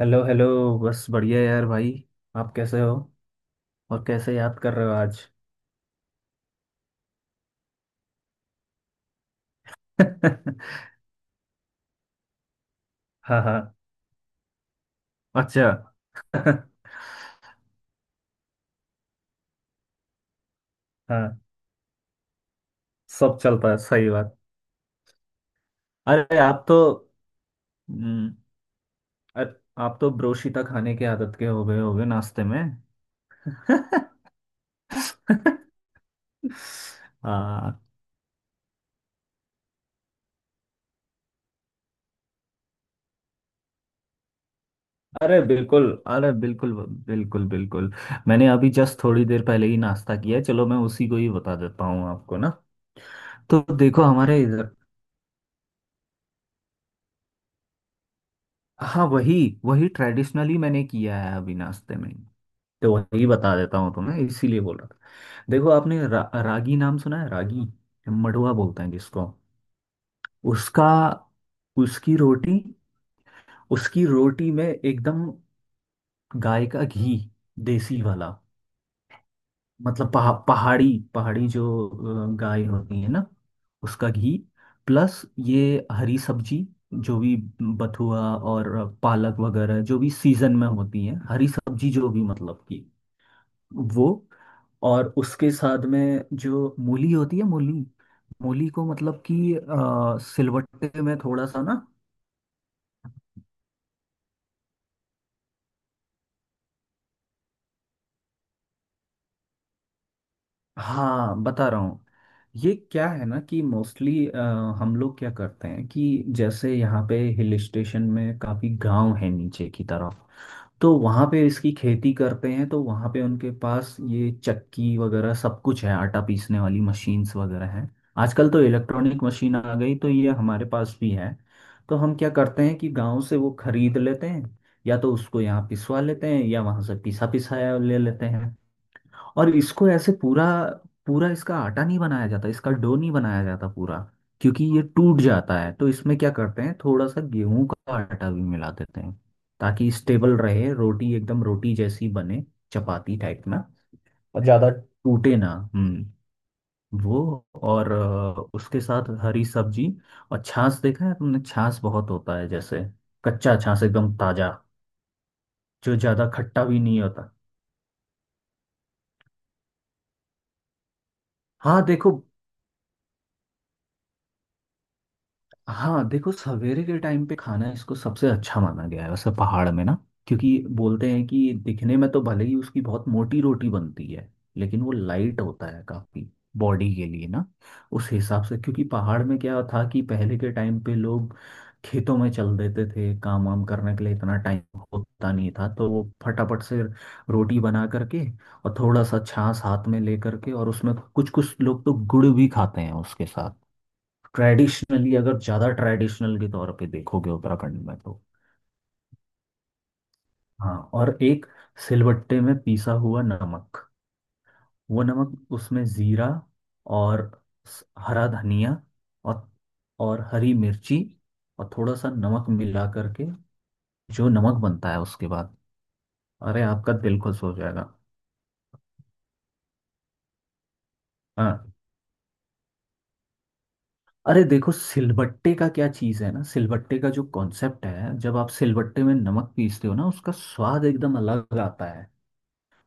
Hello hello. बस बढ़िया यार भाई, आप कैसे हो? और कैसे याद कर रहे हो आज? हाँ हाँ। अच्छा। हाँ, सब चलता है, सही बात। अरे आप तो हम्म, अरे आप तो ब्रोशीता खाने के आदत के हो गए होगे नाश्ते में। हाँ, अरे बिल्कुल, अरे बिल्कुल, बिल्कुल बिल्कुल। मैंने अभी जस्ट थोड़ी देर पहले ही नाश्ता किया है, चलो मैं उसी को ही बता देता हूँ आपको ना। तो देखो हमारे इधर, हाँ वही, वही ट्रेडिशनली मैंने किया है अभी नाश्ते में। तो वही बता देता हूँ तुम्हें, इसीलिए बोल रहा था। देखो, आपने रागी नाम सुना है? रागी मडुआ बोलते हैं जिसको। उसका, उसकी रोटी, उसकी रोटी में एकदम गाय का घी, देसी वाला। मतलब पहाड़ी, पहाड़ी जो गाय होती है ना, उसका घी। प्लस ये हरी सब्जी जो भी, बथुआ और पालक वगैरह, जो भी सीजन में होती है हरी सब्जी जो भी, मतलब कि वो। और उसके साथ में जो मूली होती है, मूली, मूली को मतलब कि सिलवट्टे में थोड़ा सा ना। हाँ बता रहा हूँ। ये क्या है ना कि मोस्टली हम लोग क्या करते हैं कि जैसे यहाँ पे हिल स्टेशन में काफ़ी गांव है नीचे की तरफ, तो वहाँ पे इसकी खेती करते हैं, तो वहाँ पे उनके पास ये चक्की वगैरह सब कुछ है, आटा पीसने वाली मशीन्स वगैरह हैं। आजकल तो इलेक्ट्रॉनिक मशीन आ गई, तो ये हमारे पास भी है। तो हम क्या करते हैं कि गांव से वो खरीद लेते हैं, या तो उसको यहाँ पिसवा लेते हैं, या वहाँ से पिसा पिसाया ले लेते हैं। और इसको ऐसे पूरा, पूरा इसका आटा नहीं बनाया जाता, इसका डो नहीं बनाया जाता पूरा, क्योंकि ये टूट जाता है। तो इसमें क्या करते हैं, थोड़ा सा गेहूं का आटा भी मिला देते हैं, ताकि स्टेबल रहे रोटी, एकदम रोटी जैसी बने, चपाती टाइप में, और ज्यादा टूटे ना। हम्म। वो और उसके साथ हरी सब्जी और छाछ। देखा है तुमने छाछ? बहुत होता है, जैसे कच्चा छाछ एकदम ताजा, जो ज्यादा खट्टा भी नहीं होता। हाँ देखो, हाँ देखो, सवेरे के टाइम पे खाना इसको सबसे अच्छा माना गया है वैसे पहाड़ में ना, क्योंकि बोलते हैं कि दिखने में तो भले ही उसकी बहुत मोटी रोटी बनती है, लेकिन वो लाइट होता है काफी बॉडी के लिए ना, उस हिसाब से। क्योंकि पहाड़ में क्या था कि पहले के टाइम पे लोग खेतों में चल देते थे काम वाम करने के लिए, इतना टाइम होता नहीं था, तो वो फटाफट से रोटी बना करके और थोड़ा सा छाछ हाथ में ले करके, और उसमें कुछ कुछ लोग तो गुड़ भी खाते हैं उसके साथ, ट्रेडिशनली, अगर ज़्यादा ट्रेडिशनल के तौर पे देखोगे उत्तराखंड में तो। हाँ और एक सिलबट्टे में पीसा हुआ नमक, वो नमक, उसमें जीरा और हरा धनिया और और हरी मिर्ची और थोड़ा सा नमक मिला करके जो नमक बनता है उसके बाद, अरे आपका दिल खुश हो जाएगा। हाँ, अरे देखो सिलबट्टे का क्या चीज़ है ना, सिलबट्टे का जो कॉन्सेप्ट है, जब आप सिलबट्टे में नमक पीसते हो ना, उसका स्वाद एकदम अलग आता है।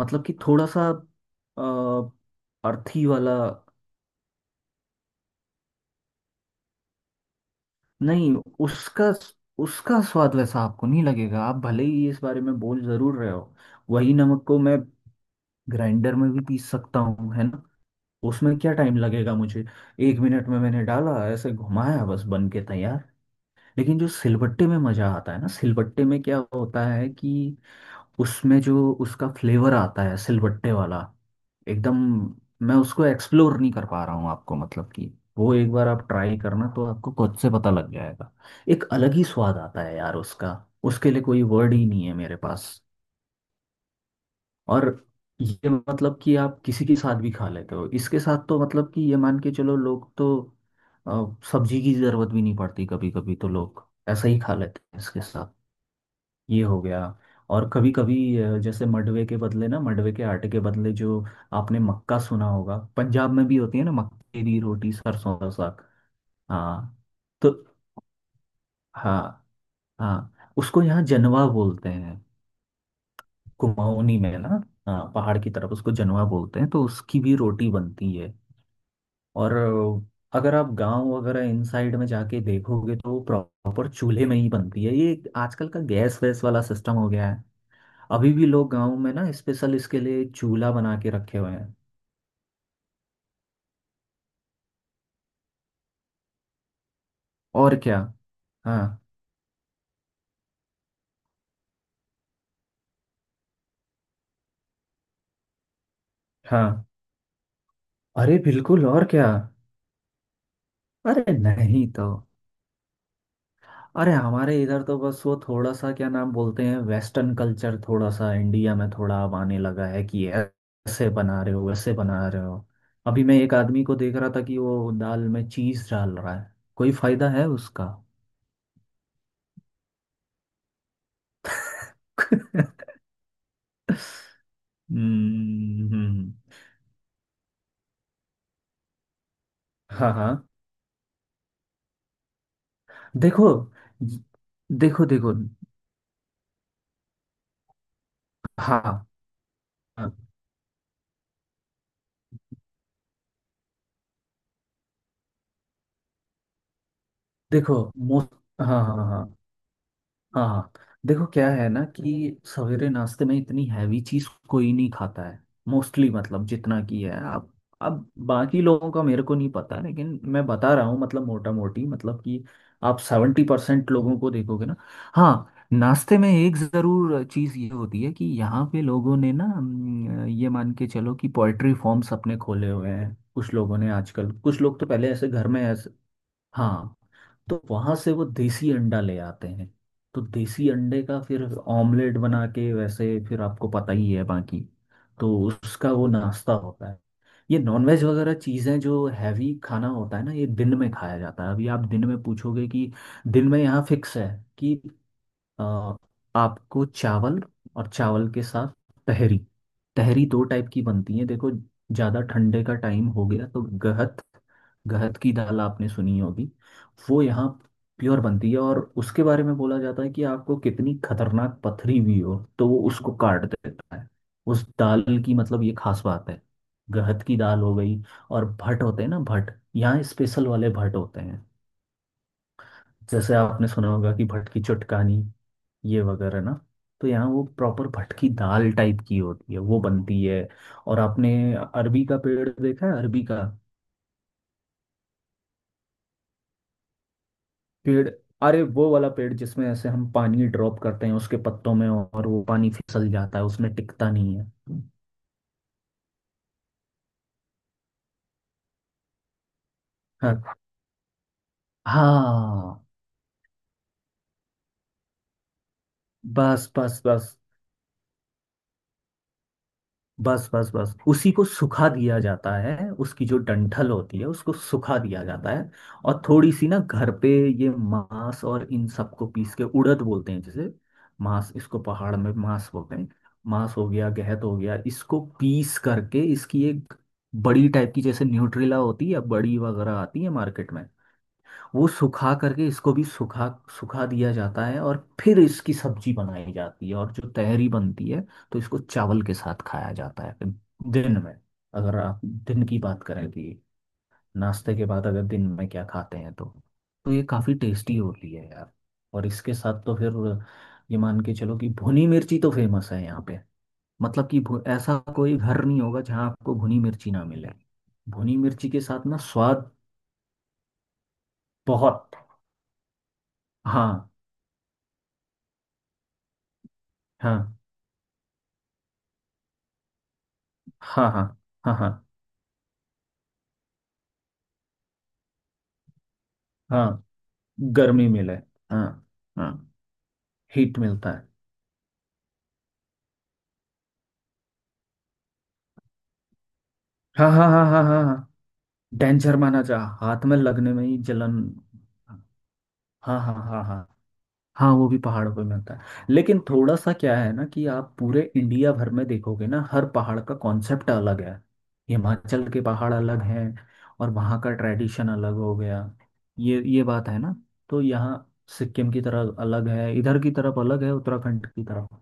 मतलब कि थोड़ा सा अर्थी वाला। नहीं, उसका, उसका स्वाद वैसा आपको नहीं लगेगा। आप भले ही इस बारे में बोल जरूर रहे हो, वही नमक को मैं ग्राइंडर में भी पीस सकता हूँ, है ना? उसमें क्या टाइम लगेगा मुझे, एक मिनट में मैंने डाला, ऐसे घुमाया, बस बन के तैयार। लेकिन जो सिलबट्टे में मजा आता है ना, सिलबट्टे में क्या होता है कि उसमें जो उसका फ्लेवर आता है सिलबट्टे वाला एकदम, मैं उसको एक्सप्लोर नहीं कर पा रहा हूँ आपको, मतलब कि वो एक बार आप ट्राई करना, तो आपको खुद से पता लग जाएगा, एक अलग ही स्वाद आता है यार उसका। उसके लिए कोई वर्ड ही नहीं है मेरे पास। और ये, मतलब कि आप किसी के साथ भी खा लेते हो इसके साथ, तो मतलब कि ये मान के चलो, लोग तो अ, सब्जी की जरूरत भी नहीं पड़ती, कभी कभी तो लोग ऐसा ही खा लेते हैं इसके साथ। ये हो गया। और कभी कभी जैसे मडवे के बदले ना, मडवे के आटे के बदले, जो आपने मक्का सुना होगा, पंजाब में भी होती है ना मक्के की रोटी सरसों का साग। हाँ, तो हाँ हाँ, उसको यहाँ जनवा बोलते हैं, कुमाऊनी में ना। हाँ, पहाड़ की तरफ उसको जनवा बोलते हैं, तो उसकी भी रोटी बनती है। और अगर आप गांव वगैरह इन साइड में जाके देखोगे तो प्रॉपर चूल्हे में ही बनती है ये, आजकल का गैस वैस वाला सिस्टम हो गया है। अभी भी लोग गांव में ना स्पेशल इसके लिए चूल्हा बना के रखे हुए हैं। और क्या। हाँ हाँ। अरे बिल्कुल, और क्या। अरे नहीं तो, अरे हमारे इधर तो बस वो थोड़ा सा क्या नाम बोलते हैं, वेस्टर्न कल्चर थोड़ा सा इंडिया में थोड़ा अब आने लगा है, कि ऐसे बना रहे हो, वैसे बना रहे हो। अभी मैं एक आदमी को देख रहा था कि वो दाल में चीज डाल रहा है, कोई फायदा है उसका? हम्म हम्म, हम्म। हाँ हाँ। देखो, देखो, देखो, हाँ हाँ। देखो मोस्ट, हाँ हाँ हाँ हाँ हाँ। देखो क्या है ना कि सवेरे नाश्ते में इतनी हैवी चीज कोई नहीं खाता है मोस्टली, मतलब जितना की है आप, अब बाकी लोगों का मेरे को नहीं पता, लेकिन मैं बता रहा हूँ मतलब मोटा मोटी, मतलब कि आप सेवेंटी परसेंट लोगों को देखोगे ना, हाँ नाश्ते में एक जरूर चीज ये होती है कि यहाँ पे लोगों ने ना ये मान के चलो कि पोएट्री फॉर्म्स अपने खोले हुए हैं कुछ लोगों ने आजकल, कुछ लोग तो पहले ऐसे घर में, हाँ, तो वहां से वो देसी अंडा ले आते हैं, तो देसी अंडे का फिर ऑमलेट बना के, वैसे फिर आपको पता ही है बाकी, तो उसका वो नाश्ता होता है। ये नॉनवेज वगैरह चीज़ें जो हैवी खाना होता है ना, ये दिन में खाया जाता है। अभी आप दिन में पूछोगे कि दिन में यहाँ फिक्स है कि अ, आपको चावल, और चावल के साथ तहरी। तहरी दो टाइप की बनती है, देखो, ज़्यादा ठंडे का टाइम हो गया तो गहत, गहत की दाल आपने सुनी होगी, वो यहाँ प्योर बनती है, और उसके बारे में बोला जाता है कि आपको कितनी खतरनाक पथरी भी हो तो वो उसको काट देता है। उस दाल की मतलब ये खास बात है। गहत की दाल हो गई, और भट होते हैं ना, भट यहाँ स्पेशल वाले भट होते हैं, जैसे आपने सुना होगा कि भट की चुटकानी, ये वगैरह ना, तो यहाँ वो प्रॉपर भटकी दाल टाइप की होती है, वो बनती है। और आपने अरबी का पेड़ देखा है? अरबी का पेड़, अरे वो वाला पेड़ जिसमें ऐसे हम पानी ड्रॉप करते हैं उसके पत्तों में, और वो पानी फिसल जाता है, उसमें टिकता नहीं है। हाँ हाँ, बस बस बस, बस बस बस, उसी को सुखा दिया जाता है, उसकी जो डंठल होती है उसको सुखा दिया जाता है, और थोड़ी सी ना घर पे ये मांस और इन सबको पीस के, उड़द बोलते हैं जैसे, मांस इसको पहाड़ में मांस बोलते हैं, मांस हो गया, गहत हो गया, इसको पीस करके इसकी एक बड़ी टाइप की, जैसे न्यूट्रिला होती है बड़ी वगैरह आती है मार्केट में, वो सुखा करके, इसको भी सुखा सुखा दिया जाता है, और फिर इसकी सब्जी बनाई जाती है, और जो तहरी बनती है तो इसको चावल के साथ खाया जाता है दिन में, अगर आप दिन की बात करें कि नाश्ते के बाद अगर दिन में क्या खाते हैं तो। तो ये काफ़ी टेस्टी होती है यार। और इसके साथ तो फिर ये मान के चलो कि भुनी मिर्ची तो फेमस है यहाँ पे, मतलब कि ऐसा कोई घर नहीं होगा जहाँ आपको भुनी मिर्ची ना मिले। भुनी मिर्ची के साथ ना स्वाद बहुत। हाँ हाँ हाँ हाँ हाँ हाँ हाँ। गर्मी मिले, हाँ हाँ, हीट मिलता है। हाँ हाँ हाँ हाँ हाँ हाँ, डेंजर माना जा, हाथ में लगने में ही जलन। हाँ हाँ हाँ हाँ हाँ, वो भी पहाड़ों पे मिलता है, लेकिन थोड़ा सा क्या है ना कि आप पूरे इंडिया भर में देखोगे ना, हर पहाड़ का कॉन्सेप्ट अलग है। हिमाचल के पहाड़ अलग हैं, और वहाँ का ट्रेडिशन अलग हो गया, ये बात है ना। तो यहाँ सिक्किम की तरफ अलग है, इधर की तरफ अलग है, उत्तराखंड की तरफ,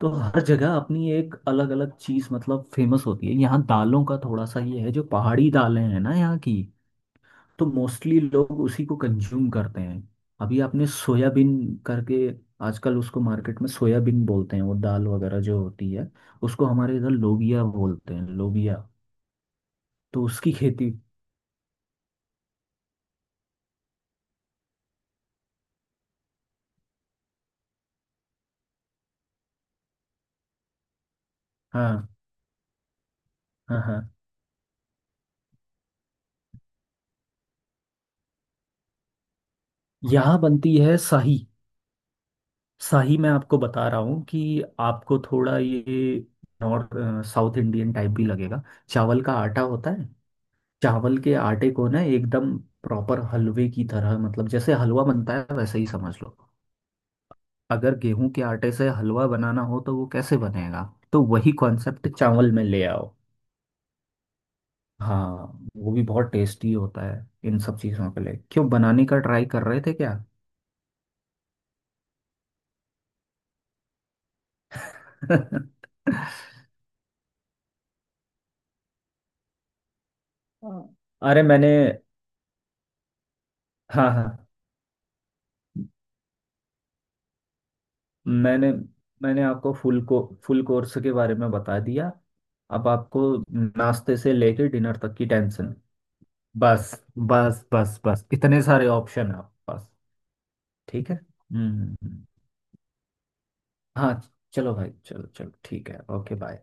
तो हर जगह अपनी एक अलग अलग चीज मतलब फेमस होती है। यहाँ दालों का थोड़ा सा ये है, जो पहाड़ी दालें हैं ना यहाँ की, तो मोस्टली लोग उसी को कंज्यूम करते हैं। अभी आपने सोयाबीन करके, आजकल उसको मार्केट में सोयाबीन बोलते हैं, वो दाल वगैरह जो होती है, उसको हमारे इधर लोबिया बोलते हैं, लोबिया। तो उसकी खेती, हाँ हाँ हाँ, यहाँ बनती है शाही। शाही, मैं आपको बता रहा हूँ कि आपको थोड़ा ये नॉर्थ साउथ इंडियन टाइप भी लगेगा। चावल का आटा होता है, चावल के आटे को ना एकदम प्रॉपर हलवे की तरह, मतलब जैसे हलवा बनता है वैसे ही समझ लो। अगर गेहूं के आटे से हलवा बनाना हो तो वो कैसे बनेगा, तो वही कॉन्सेप्ट चावल में ले आओ। हाँ, वो भी बहुत टेस्टी होता है। इन सब चीजों के लिए क्यों, बनाने का ट्राई कर रहे थे क्या? हाँ अरे मैंने, हाँ हाँ, मैंने मैंने आपको फुल कोर्स के बारे में बता दिया। अब आपको नाश्ते से लेके डिनर तक की टेंशन, बस बस बस बस, इतने सारे ऑप्शन है आपके पास। ठीक है। हाँ, चलो भाई, चलो चलो, ठीक है, ओके बाय।